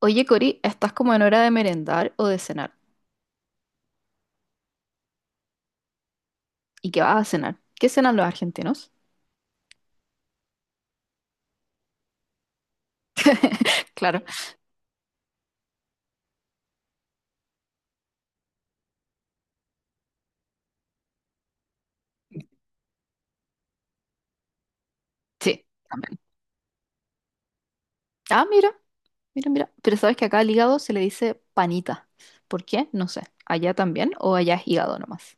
Oye, Cori, estás como en hora de merendar o de cenar. ¿Y qué vas a cenar? ¿Qué cenan los argentinos? Claro, sí, también. Ah, mira, mira, mira. Pero sabes que acá al hígado se le dice panita. ¿Por qué? No sé. ¿Allá también o allá es hígado nomás?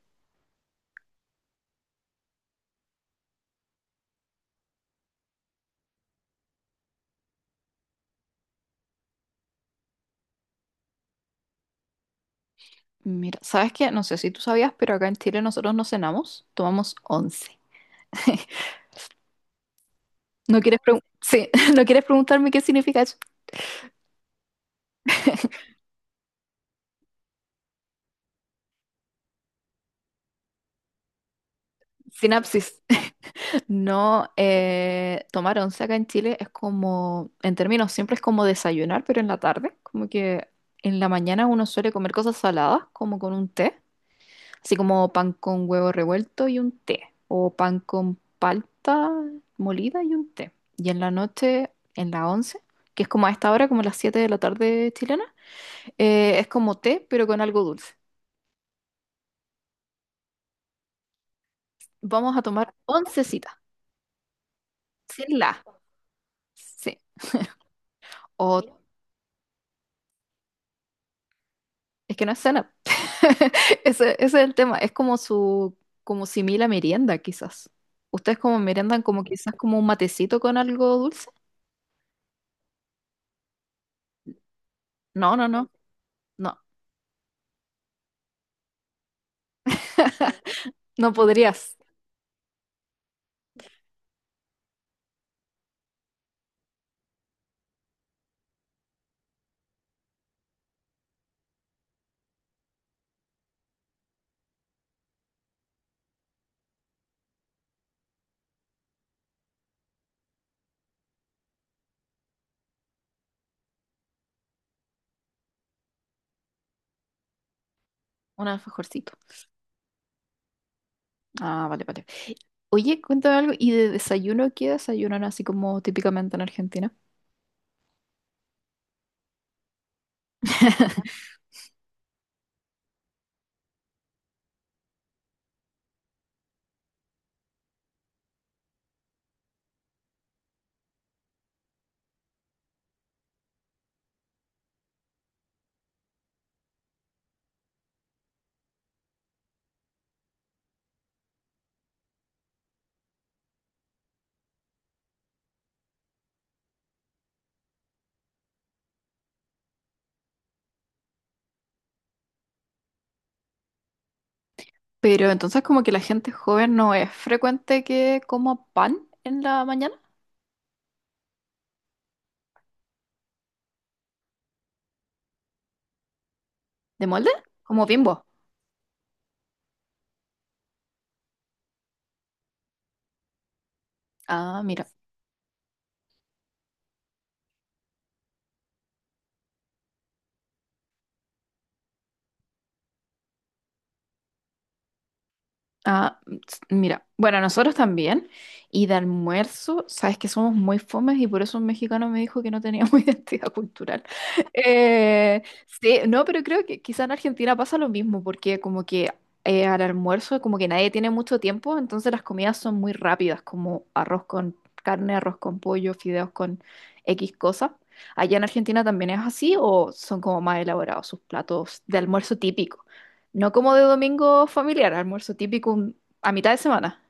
Mira, sabes que no sé si tú sabías, pero acá en Chile nosotros no cenamos, tomamos once. ¿No quieres pregun- Sí. ¿No quieres preguntarme qué significa eso? Sinapsis. No, tomar once acá en Chile es como, en términos siempre es como desayunar, pero en la tarde, como que en la mañana uno suele comer cosas saladas, como con un té, así como pan con huevo revuelto y un té, o pan con palta molida y un té. Y en la noche, en la once, que es como a esta hora, como las 7 de la tarde chilena, es como té, pero con algo dulce. Vamos a tomar oncecita, sin la. Sí. O Es que no es cena. Ese es el tema. Es como como simil a merienda, quizás. ¿Ustedes como meriendan como quizás como un matecito con algo dulce? No, no, no. No, no podrías. Un alfajorcito. Ah, vale, vale. Oye, cuéntame algo. ¿Y de desayuno qué desayunan así como típicamente en Argentina? Pero entonces como que la gente joven no es frecuente que coma pan en la mañana. ¿De molde? Como Bimbo. Ah, mira. Ah, mira, bueno, nosotros también. Y de almuerzo, sabes que somos muy fomes y por eso un mexicano me dijo que no teníamos identidad cultural. Eh, sí, no, pero creo que quizá en Argentina pasa lo mismo, porque como que al almuerzo como que nadie tiene mucho tiempo, entonces las comidas son muy rápidas, como arroz con carne, arroz con pollo, fideos con X cosas. ¿Allá en Argentina también es así o son como más elaborados sus platos de almuerzo típicos? No como de domingo familiar, almuerzo típico a mitad de semana.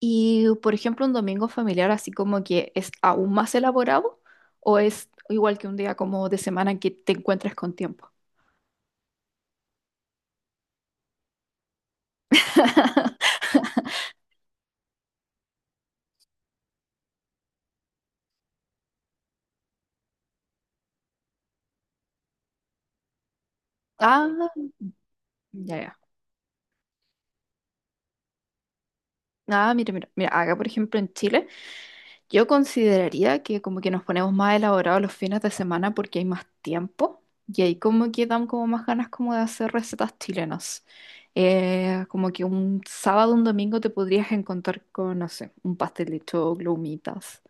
Y, por ejemplo, un domingo familiar así como que es aún más elaborado o es igual que un día como de semana en que te encuentres con tiempo. Ah, ya, ya. Ah, mira, mira, mira, acá por ejemplo en Chile. Yo consideraría que como que nos ponemos más elaborados los fines de semana porque hay más tiempo y ahí como que dan como más ganas como de hacer recetas chilenas. Como que un sábado, un domingo te podrías encontrar con, no sé, un pastel de choclo, humitas.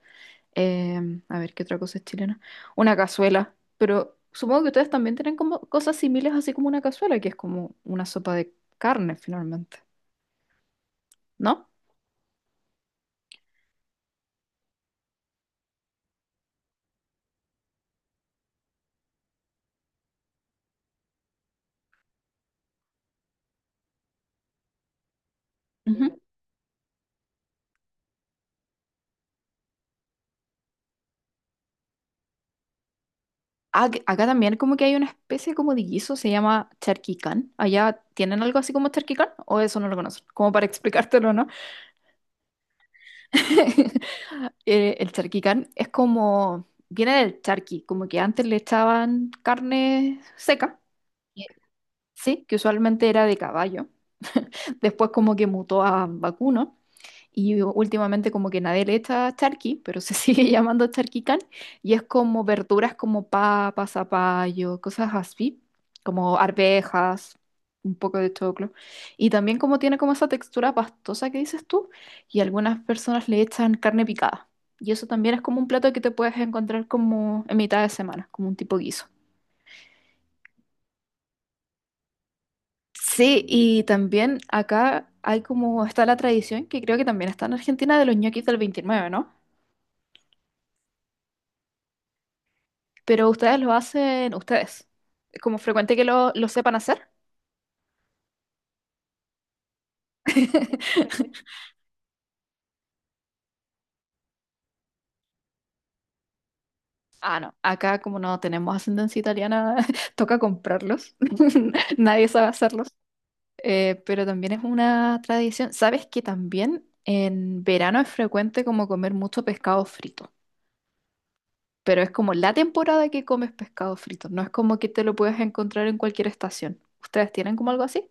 A ver, ¿qué otra cosa es chilena? Una cazuela. Pero supongo que ustedes también tienen como cosas similares así como una cazuela, que es como una sopa de carne finalmente, ¿no? Acá también como que hay una especie como de guiso, se llama charquicán. ¿Allá tienen algo así como charquicán? ¿O eso no lo conocen? Como para explicártelo, ¿no? El charquicán es como, viene del charqui, como que antes le echaban carne seca, sí, que usualmente era de caballo. Después como que mutó a vacuno. Y últimamente como que nadie le echa charqui, pero se sigue llamando charquicán. Y es como verduras como papas zapallo, cosas así, como arvejas, un poco de choclo. Y también como tiene como esa textura pastosa que dices tú. Y algunas personas le echan carne picada. Y eso también es como un plato que te puedes encontrar como en mitad de semana, como un tipo guiso. Sí, y también acá hay como está la tradición, que creo que también está en Argentina, de los ñoquis del 29, ¿no? Pero ustedes lo hacen ustedes. ¿Es como frecuente que lo sepan hacer? Ah, no. Acá como no tenemos ascendencia italiana, toca comprarlos. Nadie sabe hacerlos. Pero también es una tradición. ¿Sabes que también en verano es frecuente como comer mucho pescado frito? Pero es como la temporada que comes pescado frito. No es como que te lo puedes encontrar en cualquier estación. ¿Ustedes tienen como algo así?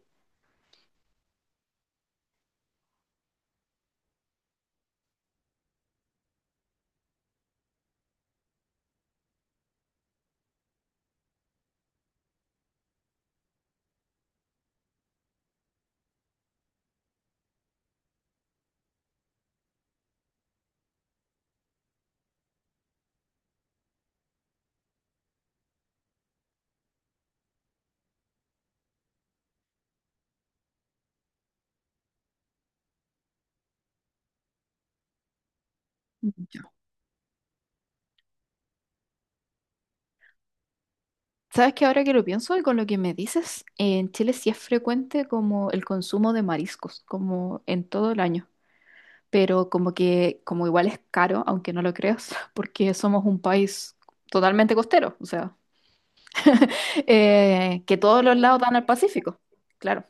Sabes que ahora que lo pienso y con lo que me dices, en Chile sí es frecuente como el consumo de mariscos, como en todo el año, pero como que como igual es caro, aunque no lo creas, porque somos un país totalmente costero, o sea, que todos los lados dan al Pacífico, claro.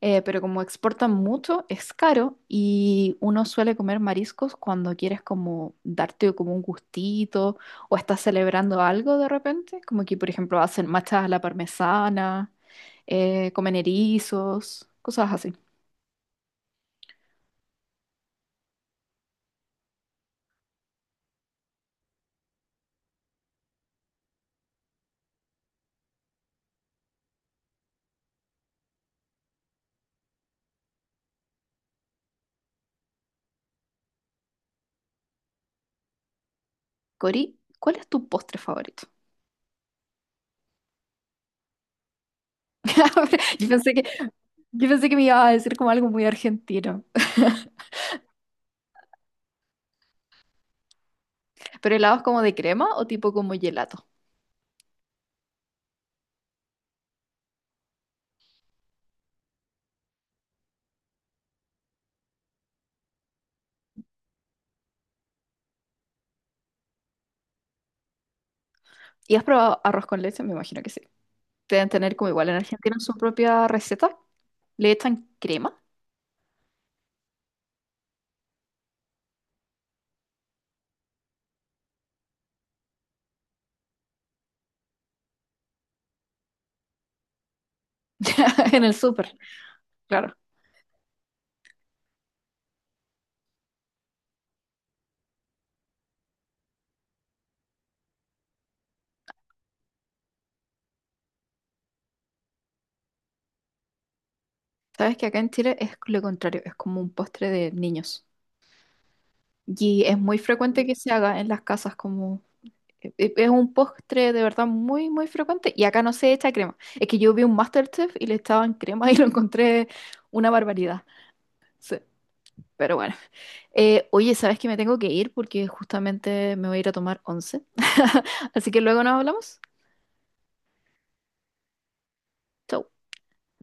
Pero como exportan mucho, es caro y uno suele comer mariscos cuando quieres como darte como un gustito o estás celebrando algo de repente, como que por ejemplo hacen machas a la parmesana, comen erizos, cosas así. Cori, ¿cuál es tu postre favorito? Yo pensé que, yo pensé que me ibas a decir como algo muy argentino. ¿Pero helados como de crema o tipo como gelato? ¿Y has probado arroz con leche? Me imagino que sí. Deben tener como igual en Argentina su propia receta. Le echan crema en el súper, claro. Sabes que acá en Chile es lo contrario, es como un postre de niños. Y es muy frecuente que se haga en las casas como... Es un postre de verdad muy, muy frecuente y acá no se echa crema. Es que yo vi un MasterChef y le echaban crema y lo encontré una barbaridad. Sí, pero bueno. Oye, ¿sabes que me tengo que ir porque justamente me voy a ir a tomar once? Así que luego nos hablamos. Chau.